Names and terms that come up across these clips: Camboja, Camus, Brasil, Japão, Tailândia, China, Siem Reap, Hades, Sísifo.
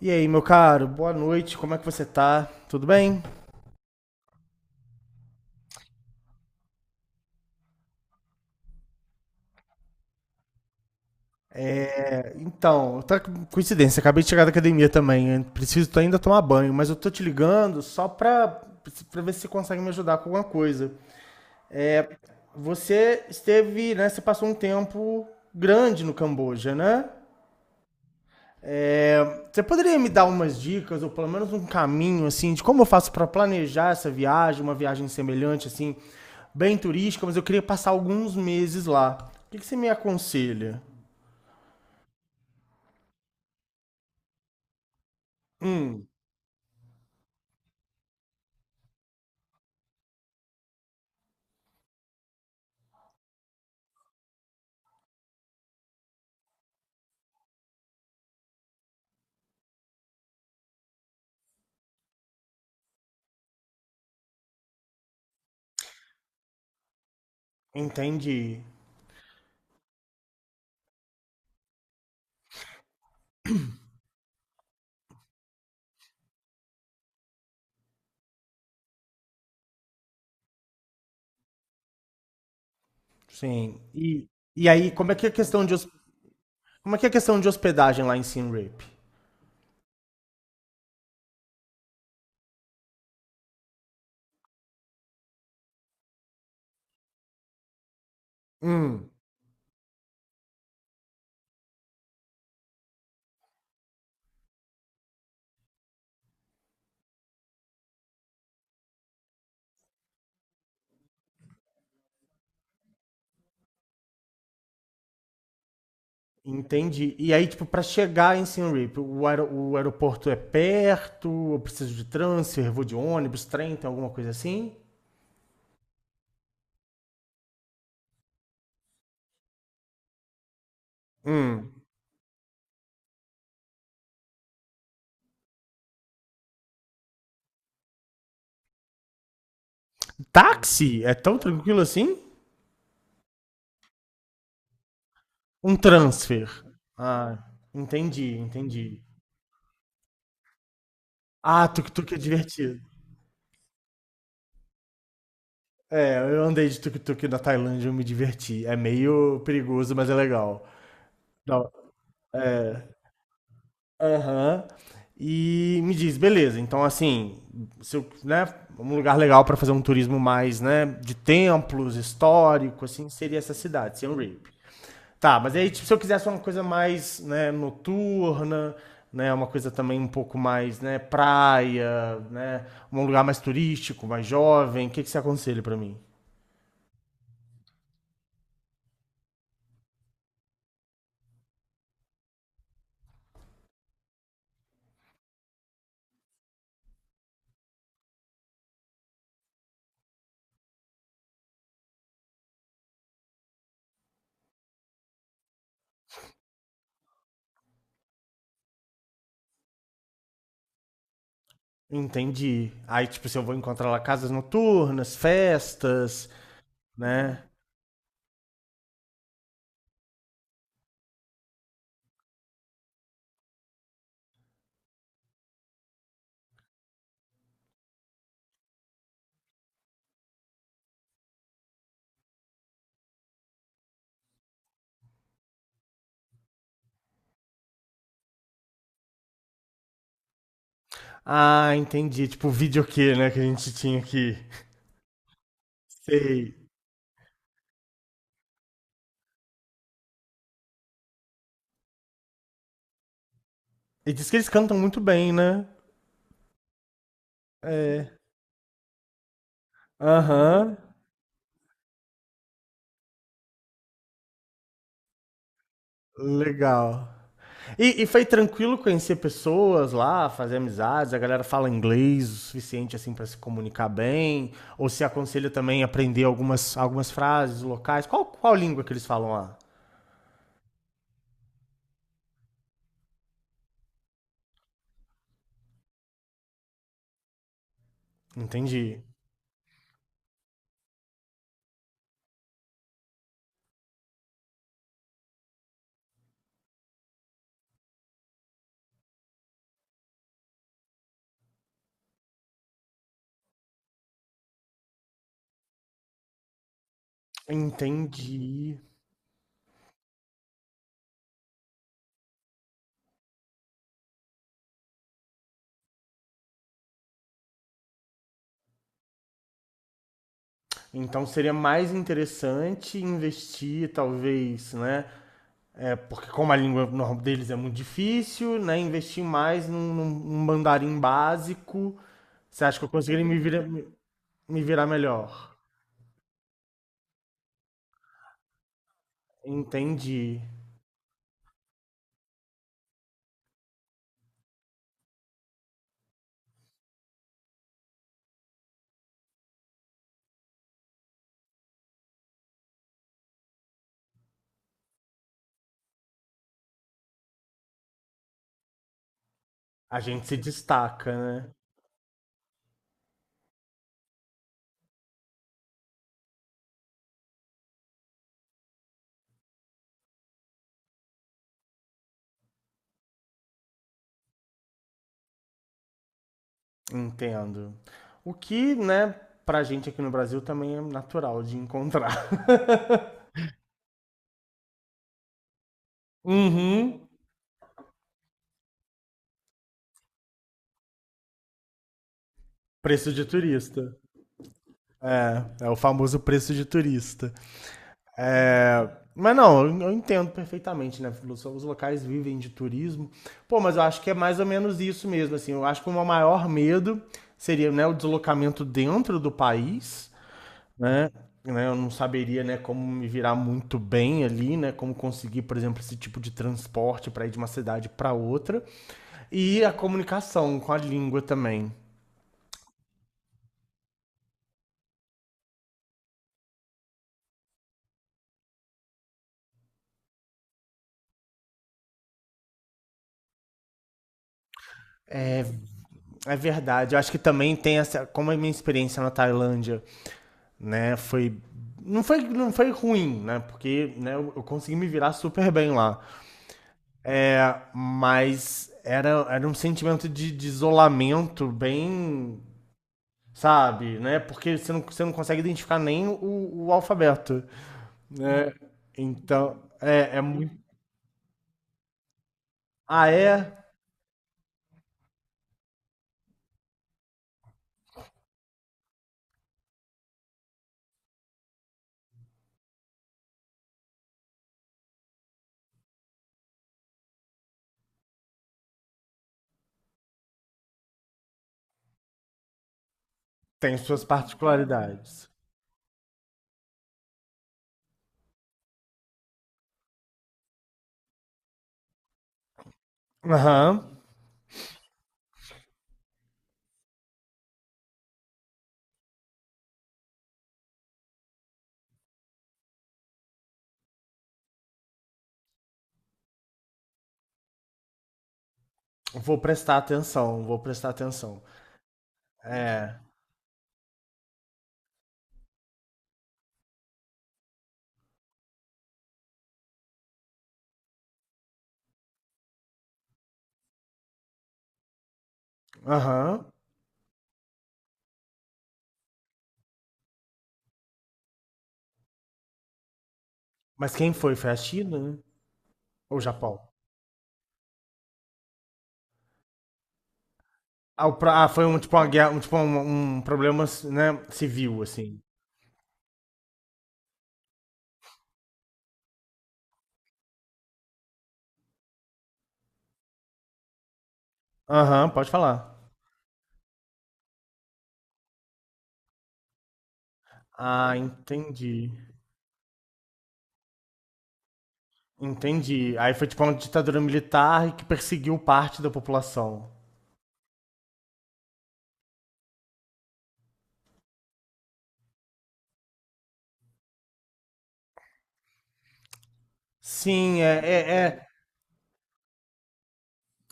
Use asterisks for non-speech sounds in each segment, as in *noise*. E aí, meu caro, boa noite, como é que você tá? Tudo bem? Tá coincidência, acabei de chegar da academia também, eu preciso ainda tomar banho, mas eu tô te ligando só pra ver se você consegue me ajudar com alguma coisa. É, Você esteve, né, você passou um tempo grande no Camboja, né? É, Você poderia me dar umas dicas, ou pelo menos um caminho, assim, de como eu faço para planejar essa viagem, uma viagem semelhante, assim, bem turística, mas eu queria passar alguns meses lá. O que que você me aconselha? Hum, entendi. Sim. E aí, como é que é a questão de, como é que é a questão de hospedagem lá em Siem Reap? Hum, entendi. E aí, tipo, para chegar em Siem Reap, o aeroporto é perto? Eu preciso de transfer? Vou de ônibus, trem, tem alguma coisa assim? Hum. Táxi? É tão tranquilo assim? Um transfer. Ah, entendi, entendi. Ah, tuk-tuk é divertido. É, eu andei de tuk-tuk na Tailândia e eu me diverti. É meio perigoso, mas é legal. Não, é. Aham. E me diz, beleza, então assim, se eu, né, um lugar legal para fazer um turismo mais, né, de templos, histórico, assim, seria essa cidade, Siem Reap. Tá, mas aí, tipo, se eu quisesse uma coisa mais, né, noturna, né, uma coisa também um pouco mais, né, praia, né, um lugar mais turístico, mais jovem, o que que você aconselha pra mim? Entendi. Aí, tipo, se eu vou encontrar lá casas noturnas, festas, né? Ah, entendi. Tipo, o videokê, né, que a gente tinha aqui. Sei. E diz que eles cantam muito bem, né? É. Aham. Legal. E foi tranquilo conhecer pessoas lá, fazer amizades? A galera fala inglês o suficiente assim para se comunicar bem? Ou se aconselha também a aprender algumas frases locais? Qual língua que eles falam lá? Entendi. Entendi. Então seria mais interessante investir, talvez, né? É, porque como a língua normal deles é muito difícil, né? Investir mais num mandarim básico. Você acha que eu conseguiria me virar melhor? Entendi. A gente se destaca, né? Entendo. O que, né, pra gente aqui no Brasil também é natural de encontrar. *laughs* Uhum. Preço de turista. É, é o famoso preço de turista. É, mas não, eu entendo perfeitamente, né? Os locais vivem de turismo. Pô, mas eu acho que é mais ou menos isso mesmo, assim. Eu acho que o meu maior medo seria, né, o deslocamento dentro do país né? né, Eu não saberia, né, como me virar muito bem ali, né, como conseguir, por exemplo, esse tipo de transporte para ir de uma cidade para outra e a comunicação com a língua também. É, é verdade. Eu acho que também tem essa, como a minha experiência na Tailândia, né, foi não foi ruim, né? Porque né, eu consegui me virar super bem lá. É, mas era um sentimento de isolamento bem sabe? Né? Porque você não consegue identificar nem o, o alfabeto, né? Então, é, é muito... Ah, é? Tem suas particularidades. Aham. Vou prestar atenção, vou prestar atenção. É, aham. Mas quem foi? Foi a China, né? Ou o Japão? Foi um tipo uma guerra, um, tipo um, um problema, né, civil, assim. Aham, pode falar. Ah, entendi. Entendi. Aí foi tipo uma ditadura militar que perseguiu parte da população. Sim, é, é,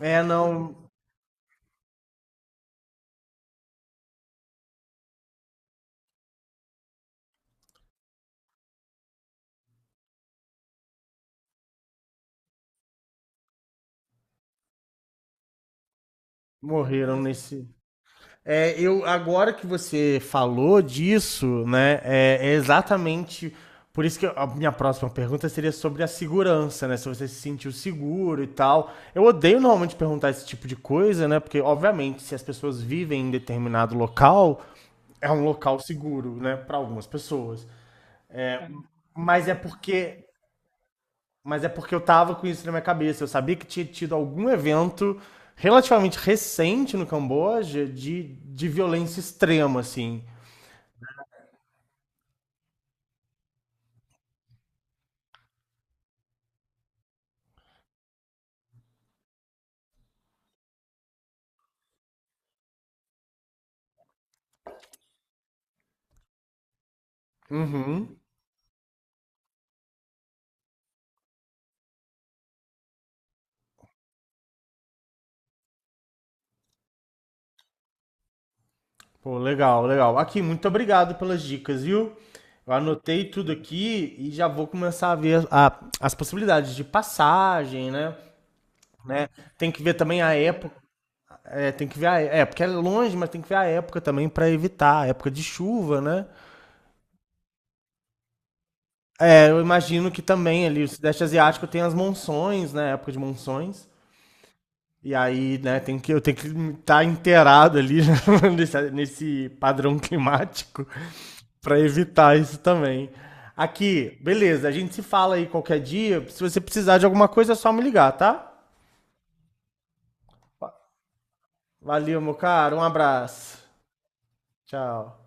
é, é, não morreram nesse. É, eu agora que você falou disso, né? É, é exatamente por isso que a minha próxima pergunta seria sobre a segurança, né? Se você se sentiu seguro e tal. Eu odeio normalmente perguntar esse tipo de coisa, né? Porque obviamente se as pessoas vivem em determinado local, é um local seguro, né? Para algumas pessoas. Mas é porque Mas é porque eu tava com isso na minha cabeça. Eu sabia que tinha tido algum evento relativamente recente no Camboja de violência extrema, assim. Uhum. Pô, legal, legal. Aqui, muito obrigado pelas dicas, viu? Eu anotei tudo aqui e já vou começar a ver as possibilidades de passagem, né? né? Tem que ver também a época. É, tem que ver a, é, porque é longe, mas tem que ver a época também para evitar, a época de chuva, né? É, eu imagino que também ali o Sudeste Asiático tem as monções, né? Época de monções. E aí, né, tem que, eu tenho que estar tá inteirado ali *laughs* nesse padrão climático para evitar isso também. Aqui, beleza, a gente se fala aí qualquer dia. Se você precisar de alguma coisa, é só me ligar, tá? Valeu, meu caro. Um abraço. Tchau.